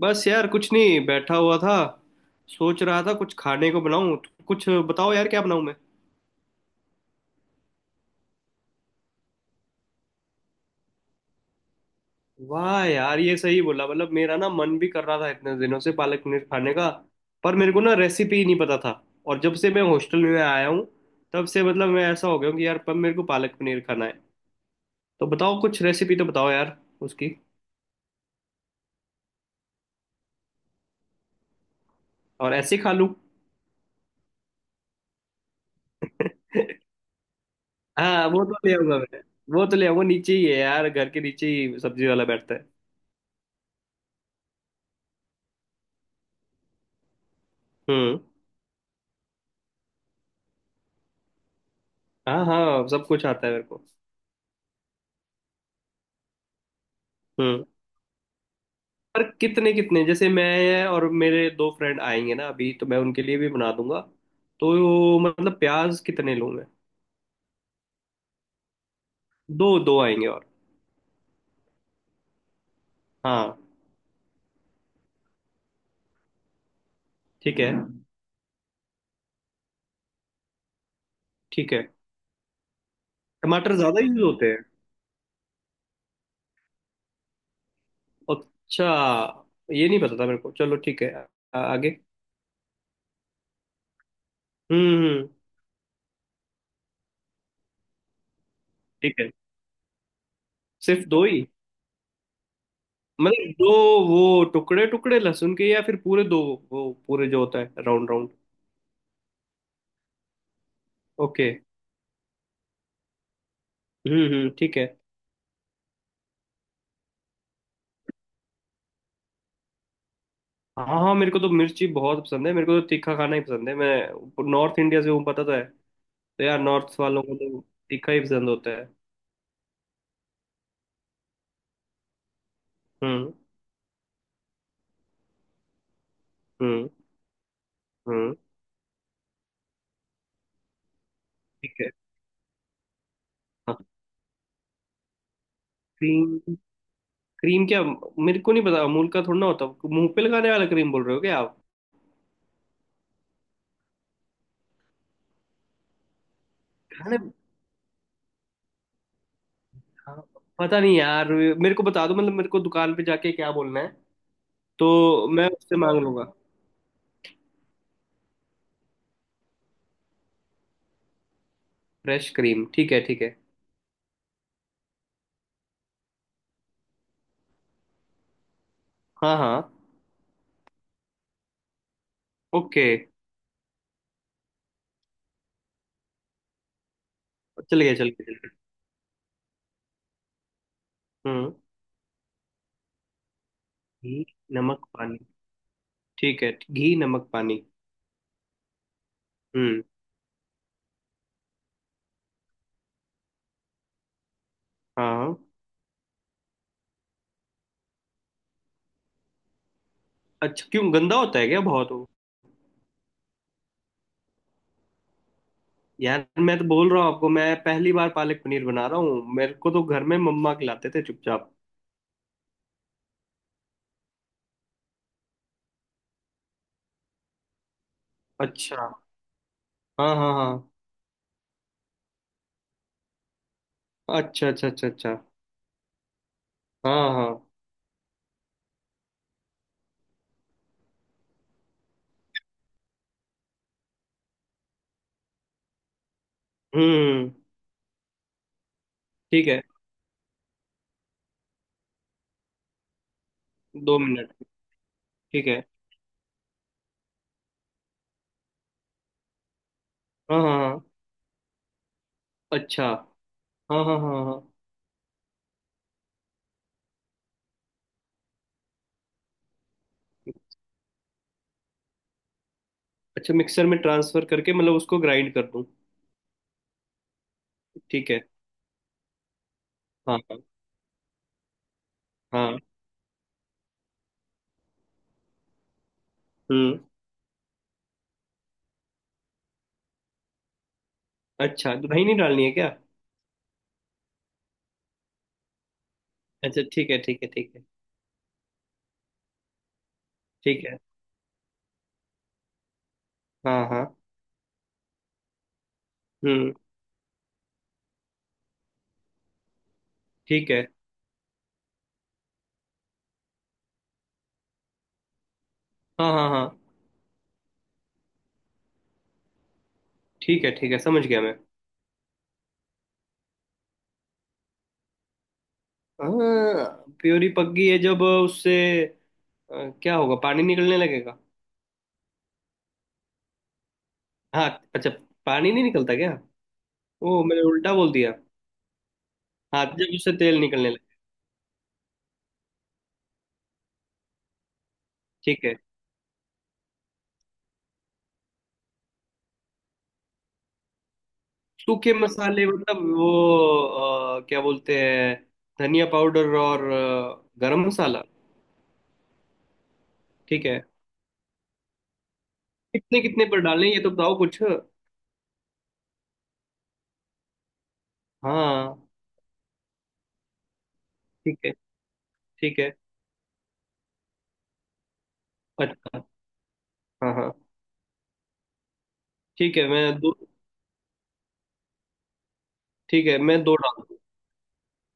बस यार कुछ नहीं बैठा हुआ था। सोच रहा था कुछ खाने को बनाऊं, तो कुछ बताओ यार, क्या बनाऊं मैं। वाह यार, ये सही बोला। मतलब मेरा ना मन भी कर रहा था इतने दिनों से पालक पनीर खाने का, पर मेरे को ना रेसिपी नहीं पता था। और जब से मैं हॉस्टल में आया हूँ तब से मतलब मैं ऐसा हो गया हूं कि यार, पर मेरे को पालक पनीर खाना है। तो बताओ कुछ रेसिपी, तो बताओ यार उसकी। और ऐसे ही खा लूं? हाँ, वो तो ले आऊंगा मैं। वो तो ले आऊंगा, नीचे ही है यार, घर के नीचे ही सब्जी वाला बैठता है। हम्म। हाँ हाँ, सब कुछ आता है मेरे को। हम्म। पर कितने कितने, जैसे मैं और मेरे दो फ्रेंड आएंगे ना अभी, तो मैं उनके लिए भी बना दूंगा। तो मतलब प्याज कितने लूं मैं? दो दो आएंगे और। हाँ। ठीक है। ठीक है। टमाटर ज्यादा यूज होते हैं? अच्छा, ये नहीं पता था मेरे को। चलो ठीक है। आगे। हम्म। ठीक है। सिर्फ दो ही? मतलब दो, वो टुकड़े टुकड़े लहसुन के, या फिर पूरे दो? वो पूरे जो होता है राउंड राउंड। ओके। हम्म, ठीक है। हाँ हाँ, मेरे को तो मिर्ची बहुत पसंद है। मेरे को तो तीखा खाना ही पसंद है। मैं नॉर्थ इंडिया से हूँ, पता तो है। तो यार नॉर्थ वालों को तो तीखा ही पसंद होता है। हम्म। हम्म। हम्म। ठीक है। हाँ। क्रीम? क्रीम क्या? मेरे को नहीं पता अमूल का थोड़ा ना होता। मुंह पे लगाने वाला क्रीम बोल रहे हो क्या आप? खाने? हाँ, पता नहीं यार, मेरे को बता दो, मतलब मेरे को दुकान पे जाके क्या बोलना है, तो मैं उससे मांग लूंगा। फ्रेश क्रीम, ठीक है ठीक है। हाँ हाँ। ओके। चल गया चल गया चल गया। हम्म। घी, नमक पानी। ठीक है, घी नमक पानी। हम्म। हाँ हाँ। अच्छा, क्यों गंदा होता है क्या बहुत वो? यार मैं तो बोल रहा हूँ आपको, मैं पहली बार पालक पनीर बना रहा हूँ। मेरे को तो घर में मम्मा खिलाते थे चुपचाप। अच्छा। हाँ हाँ हाँ। अच्छा अच्छा अच्छा अच्छा। हाँ हाँ। हम्म। ठीक है। दो मिनट। ठीक है। हाँ हाँ हाँ। अच्छा। हाँ हाँ हाँ हाँ। अच्छा, मिक्सर में ट्रांसफर करके मतलब उसको ग्राइंड कर दूँ? ठीक है। हाँ हाँ। हाँ। हम्म। अच्छा तो दही नहीं डालनी है क्या? अच्छा ठीक है ठीक है ठीक है। ठीक है। हाँ हाँ। हम्म। ठीक है। हाँ हाँ हाँ। ठीक है ठीक है, समझ गया मैं। हाँ, प्योरी पक गई है जब उससे क्या होगा, पानी निकलने लगेगा। हाँ। अच्छा, पानी नहीं निकलता क्या? ओ, मैंने उल्टा बोल दिया। हाँ, जब उससे तेल निकलने लगे। ठीक है। सूखे मसाले मतलब वो क्या बोलते हैं, धनिया पाउडर और गरम मसाला। ठीक है। कितने कितने पर डालें, ये तो बताओ कुछ। हाँ। ठीक है। ठीक है। अच्छा। हाँ हाँ। ठीक है, मैं दो, ठीक है मैं दो डाल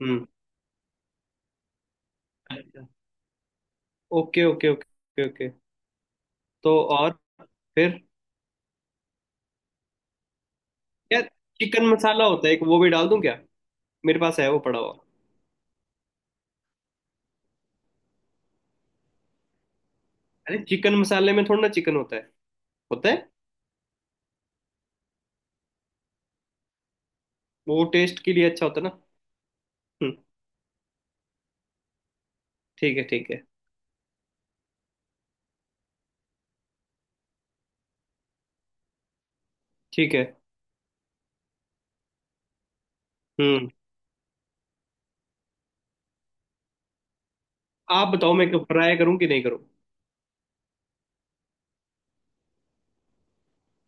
दूँ? अच्छा। Okay okay okay okay. तो और फिर, यार चिकन मसाला होता है एक, वो भी डाल दूं क्या? मेरे पास है वो पड़ा हुआ। अरे, चिकन मसाले में थोड़ा ना चिकन होता है। होता है, वो टेस्ट के लिए अच्छा होता है ना। हम्म। ठीक है ठीक है। ठीक है। हम्म। आप बताओ मैं फ्राई करूं कि नहीं करूं?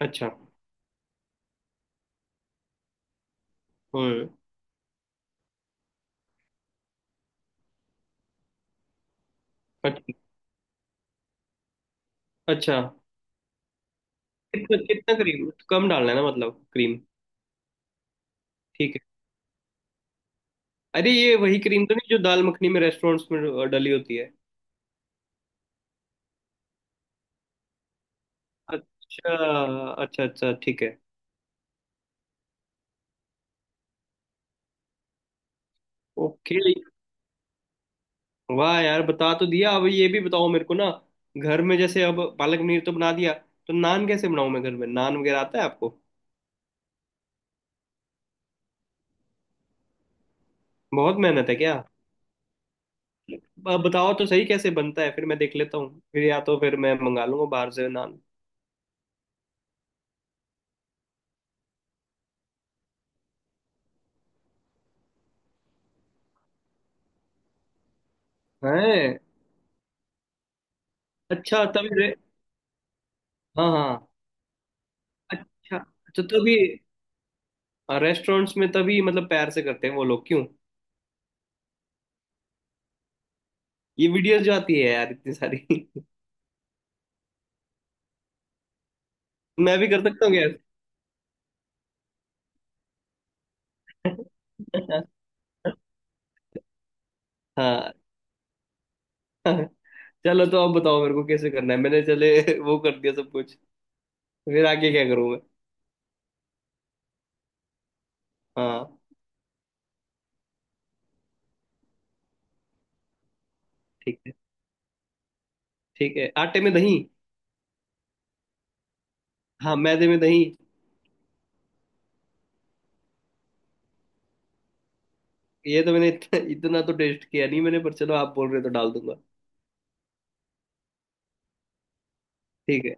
अच्छा। हम्म। अच्छा। अच्छा। कितना कितना क्रीम, कम डालना है ना मतलब क्रीम? ठीक है। अरे ये वही क्रीम तो नहीं जो दाल मखनी में रेस्टोरेंट्स में डली होती है? अच्छा। अच्छा अच्छा, ठीक है। ओके। वाह यार, बता तो दिया। अब ये भी बताओ मेरे को ना, घर में जैसे अब पालक पनीर तो बना दिया, तो नान कैसे बनाऊं मैं? घर में नान वगैरह आता है आपको? बहुत मेहनत है क्या? अब बताओ तो सही कैसे बनता है, फिर मैं देख लेता हूँ, फिर या तो फिर मैं मंगा लूंगा बाहर से नान। है। अच्छा तभी हाँ हाँ। अच्छा, तो तभी रेस्टोरेंट्स में, तभी मतलब पैर से करते हैं वो लोग क्यों? ये वीडियोस जो आती है यार इतनी सारी। मैं भी कर सकता हूँ क्या? ऐसे? हाँ। चलो तो अब बताओ मेरे को कैसे करना है। मैंने चले वो कर दिया सब कुछ, फिर आगे क्या करूं मैं? हाँ। ठीक है। ठीक है, आटे में दही। हाँ, मैदे में दही। ये तो मैंने इतना तो टेस्ट किया नहीं मैंने, पर चलो आप बोल रहे हो तो डाल दूंगा। ठीक है।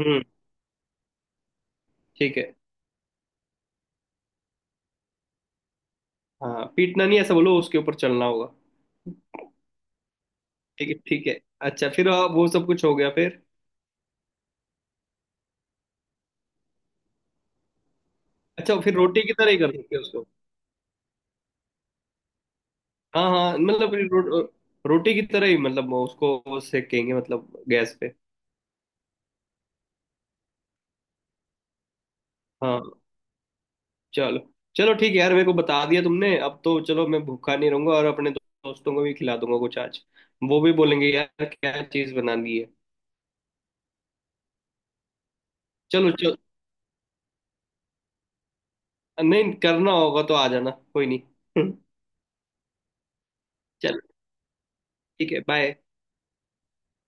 हम्म। ठीक है। हाँ, पीटना नहीं ऐसा बोलो, उसके ऊपर चलना होगा। ठीक है ठीक है। अच्छा फिर आप, वो सब कुछ हो गया फिर? अच्छा, फिर रोटी की तरह ही कर सकते हैं उसको? हाँ हाँ, मतलब फिर रोटी की तरह ही, मतलब उसको सेकेंगे मतलब गैस पे। हाँ। चलो। चलो ठीक है यार, मेरे को बता दिया तुमने, अब तो चलो मैं भूखा नहीं रहूंगा और अपने दोस्तों को भी खिला दूंगा कुछ आज। वो भी बोलेंगे यार क्या चीज बनानी है। चलो चलो, नहीं करना होगा तो आ जाना, कोई नहीं। चलो ठीक है, बाय।